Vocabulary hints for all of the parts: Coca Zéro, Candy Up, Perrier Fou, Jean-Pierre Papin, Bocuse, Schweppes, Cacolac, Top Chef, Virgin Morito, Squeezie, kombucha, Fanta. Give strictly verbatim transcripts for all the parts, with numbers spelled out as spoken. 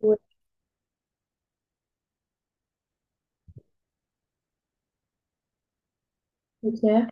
Ouais, c'est clair.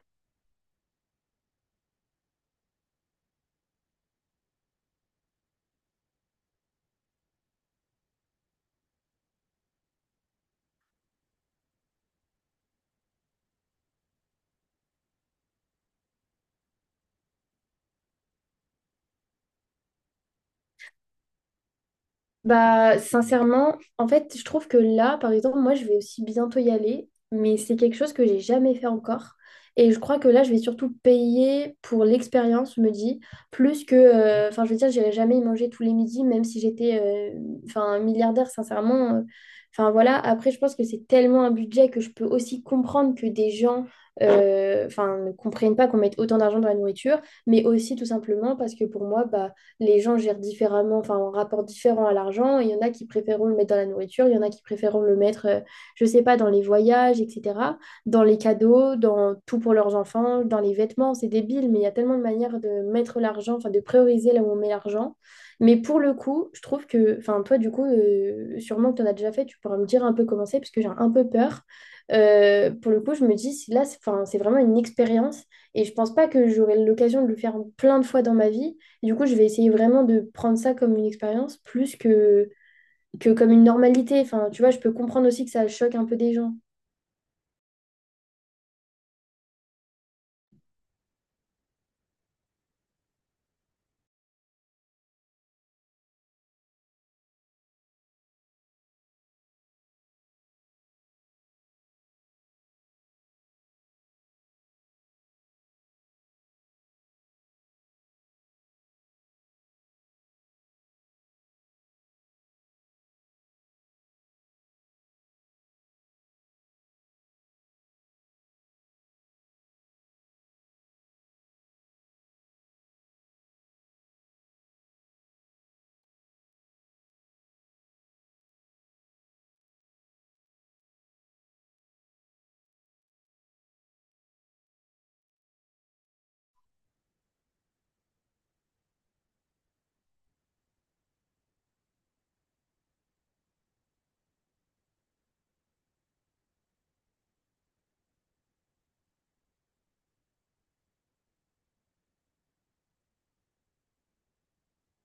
Bah, sincèrement, en fait, je trouve que là, par exemple, moi, je vais aussi bientôt y aller, mais c'est quelque chose que j'ai jamais fait encore. Et je crois que là, je vais surtout payer pour l'expérience, je me dis, plus que, euh, enfin, je veux dire, j'irai jamais y manger tous les midis, même si j'étais, euh, enfin, milliardaire, sincèrement. euh, Enfin, voilà. Après, je pense que c'est tellement un budget que je peux aussi comprendre que des gens, euh, enfin, ne comprennent pas qu'on mette autant d'argent dans la nourriture, mais aussi tout simplement parce que pour moi, bah les gens gèrent différemment, enfin, un rapport différent à l'argent. Il y en a qui préféreront le mettre dans la nourriture, il y en a qui préféreront le mettre, euh, je sais pas, dans les voyages, et cetera, dans les cadeaux, dans tout pour leurs enfants, dans les vêtements. C'est débile, mais il y a tellement de manières de mettre l'argent, enfin, de prioriser là où on met l'argent. Mais pour le coup, je trouve que, enfin, toi, du coup, euh, sûrement que tu en as déjà fait, tu pourras me dire un peu comment c'est, parce que j'ai un peu peur. Euh, pour le coup, je me dis, si là, c'est 'fin, c'est vraiment une expérience et je pense pas que j'aurai l'occasion de le faire plein de fois dans ma vie. Du coup, je vais essayer vraiment de prendre ça comme une expérience plus que, que comme une normalité. Enfin, tu vois, je peux comprendre aussi que ça choque un peu des gens.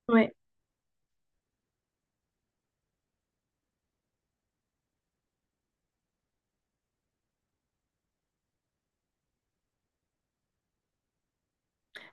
Ouais.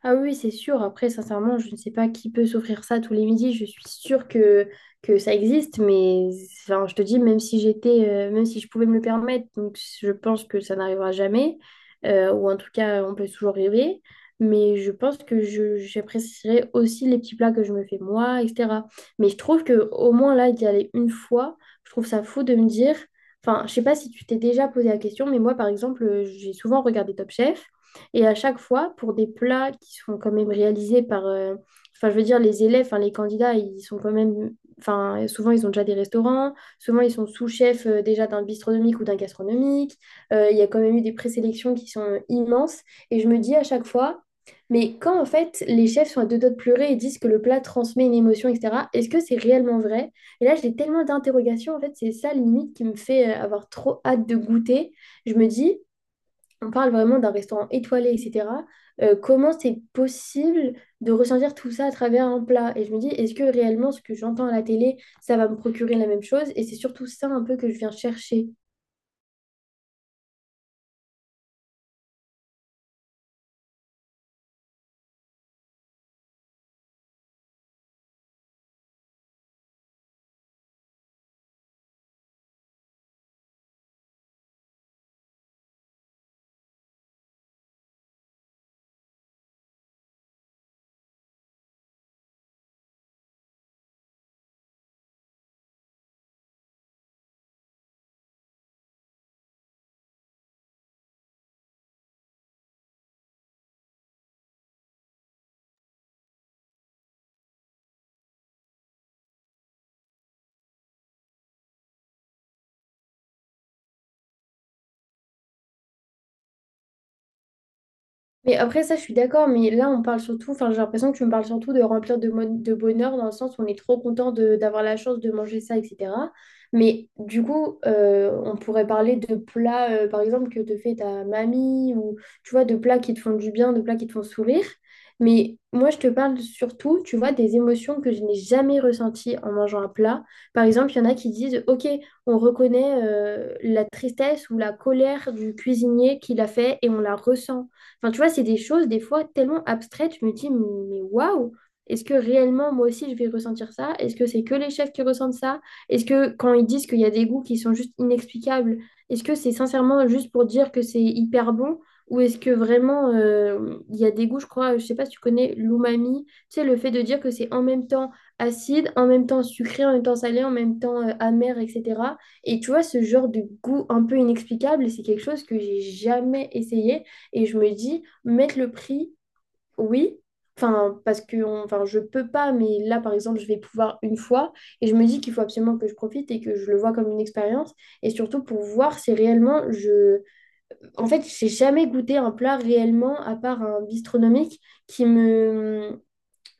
Ah oui, c'est sûr. Après, sincèrement, je ne sais pas qui peut s'offrir ça tous les midis. Je suis sûre que, que ça existe, mais enfin, je te dis, même si j'étais, euh, même si je pouvais me le permettre, donc je pense que ça n'arrivera jamais, euh, ou en tout cas, on peut toujours rêver. Mais je pense que je, j'apprécierais aussi les petits plats que je me fais moi, et cetera. Mais je trouve que au moins là, d'y aller une fois, je trouve ça fou de me dire. Enfin, je sais pas si tu t'es déjà posé la question, mais moi, par exemple, euh, j'ai souvent regardé Top Chef. Et à chaque fois, pour des plats qui sont quand même réalisés par, euh, enfin, je veux dire, les élèves, enfin, les candidats, ils sont quand même, enfin, souvent, ils ont déjà des restaurants, souvent, ils sont sous-chefs euh, déjà d'un bistronomique ou d'un gastronomique. Euh, il y a quand même eu des présélections qui sont euh, immenses. Et je me dis à chaque fois, mais quand en fait les chefs sont à deux doigts de pleurer et disent que le plat transmet une émotion, et cetera, est-ce que c'est réellement vrai? Et là, j'ai tellement d'interrogations, en fait, c'est ça limite qui me fait euh, avoir trop hâte de goûter. Je me dis, on parle vraiment d'un restaurant étoilé, et cetera euh, Comment c'est possible de ressentir tout ça à travers un plat? Et je me dis, est-ce que réellement ce que j'entends à la télé, ça va me procurer la même chose? Et c'est surtout ça un peu que je viens chercher. Mais après, ça, je suis d'accord, mais là, on parle surtout, enfin, j'ai l'impression que tu me parles surtout de remplir de, mon- de bonheur, dans le sens où on est trop content de- d'avoir la chance de manger ça, et cetera. Mais du coup, euh, on pourrait parler de plats, euh, par exemple, que te fait ta mamie, ou tu vois, de plats qui te font du bien, de plats qui te font sourire. Mais moi, je te parle surtout, tu vois, des émotions que je n'ai jamais ressenties en mangeant un plat. Par exemple, il y en a qui disent, OK, on reconnaît euh, la tristesse ou la colère du cuisinier qui l'a fait et on la ressent. Enfin, tu vois, c'est des choses, des fois, tellement abstraites, je me dis, mais waouh, est-ce que réellement, moi aussi, je vais ressentir ça? Est-ce que c'est que les chefs qui ressentent ça? Est-ce que quand ils disent qu'il y a des goûts qui sont juste inexplicables, est-ce que c'est sincèrement juste pour dire que c'est hyper bon? Ou est-ce que vraiment, euh, il y a des goûts, je crois, je sais pas si tu connais l'umami, tu sais, le fait de dire que c'est en même temps acide, en même temps sucré, en même temps salé, en même temps euh, amer, et cetera. Et tu vois, ce genre de goût un peu inexplicable, c'est quelque chose que j'ai jamais essayé. Et je me dis, mettre le prix, oui, enfin, parce que on- enfin, je peux pas, mais là, par exemple, je vais pouvoir une fois. Et je me dis qu'il faut absolument que je profite et que je le vois comme une expérience. Et surtout pour voir si réellement je... En fait, j'ai jamais goûté un plat réellement, à part un bistronomique, qui me...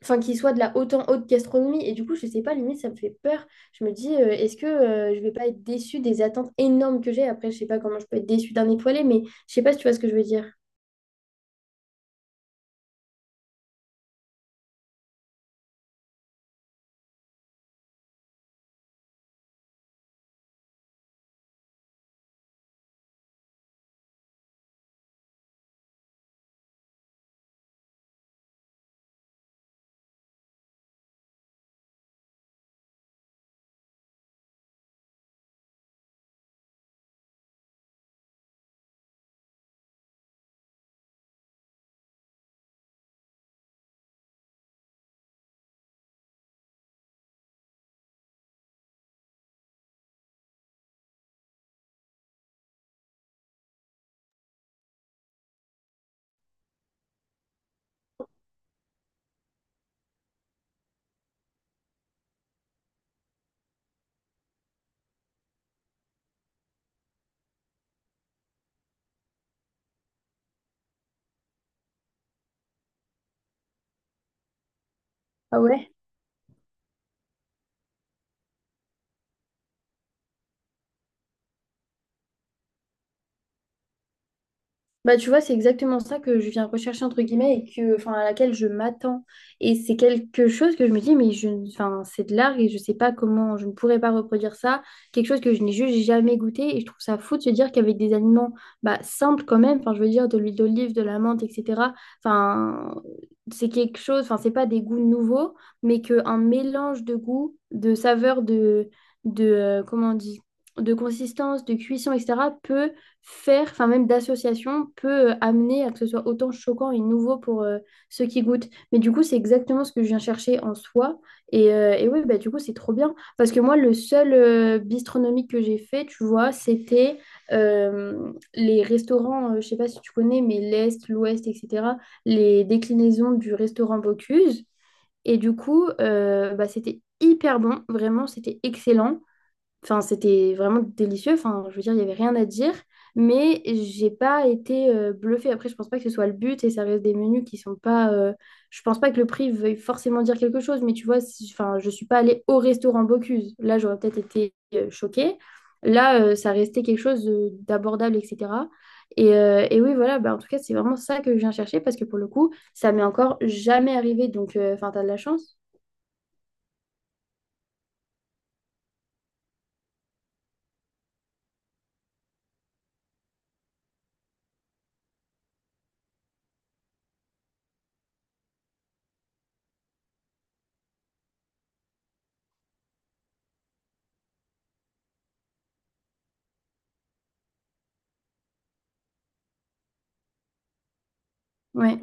Enfin, qui soit de la haute en haute gastronomie. Et du coup, je sais pas, limite, ça me fait peur. Je me dis, euh, est-ce que euh, je vais pas être déçue des attentes énormes que j'ai? Après, je sais pas comment je peux être déçue d'un étoilé, mais je sais pas si tu vois ce que je veux dire. Ah ouais? Bah, tu vois, c'est exactement ça que je viens rechercher, entre guillemets, et que, enfin, à laquelle je m'attends. Et c'est quelque chose que je me dis, mais je, enfin, c'est de l'art et je sais pas comment, je ne pourrais pas reproduire ça. Quelque chose que je n'ai juste jamais goûté. Et je trouve ça fou de se dire qu'avec des aliments bah, simples quand même, enfin, je veux dire, de l'huile d'olive, de la menthe, et cetera. Enfin, c'est quelque chose, enfin, c'est pas des goûts nouveaux, mais qu'un mélange de goûts, de saveurs, de, de euh, comment on dit, de consistance, de cuisson, et cetera, peut faire, enfin même d'association, peut euh, amener à que ce soit autant choquant et nouveau pour euh, ceux qui goûtent. Mais du coup, c'est exactement ce que je viens chercher en soi. Et, euh, et oui bah, du coup, c'est trop bien. Parce que moi, le seul euh, bistronomique que j'ai fait, tu vois, c'était euh, les restaurants, euh, je sais pas si tu connais, mais l'Est, l'Ouest, et cetera, les déclinaisons du restaurant Bocuse. Et du coup, euh, bah, c'était hyper bon, vraiment, c'était excellent. Enfin, c'était vraiment délicieux. Enfin, je veux dire, il n'y avait rien à dire. Mais j'ai pas été euh, bluffée. Après, je pense pas que ce soit le but et ça reste des menus qui sont pas. Euh, je pense pas que le prix veuille forcément dire quelque chose. Mais tu vois, si- enfin, je suis pas allée au restaurant Bocuse. Là, j'aurais peut-être été euh, choquée. Là, euh, ça restait quelque chose de- d'abordable, et cetera. Et, euh, et oui, voilà, bah, en tout cas, c'est vraiment ça que je viens chercher parce que pour le coup, ça m'est encore jamais arrivé. Donc, euh, enfin, t'as de la chance. Ouais.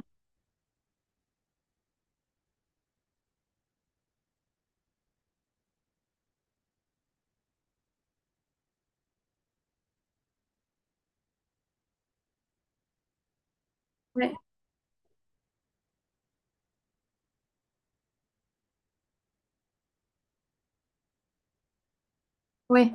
Ouais, ouais.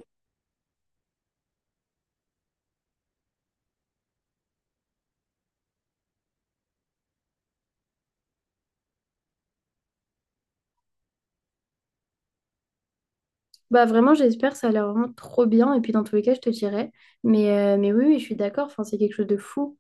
Bah vraiment, j'espère, ça a l'air vraiment trop bien. Et puis dans tous les cas, je te dirai. Mais, euh, mais oui, oui, je suis d'accord. Enfin, c'est quelque chose de fou.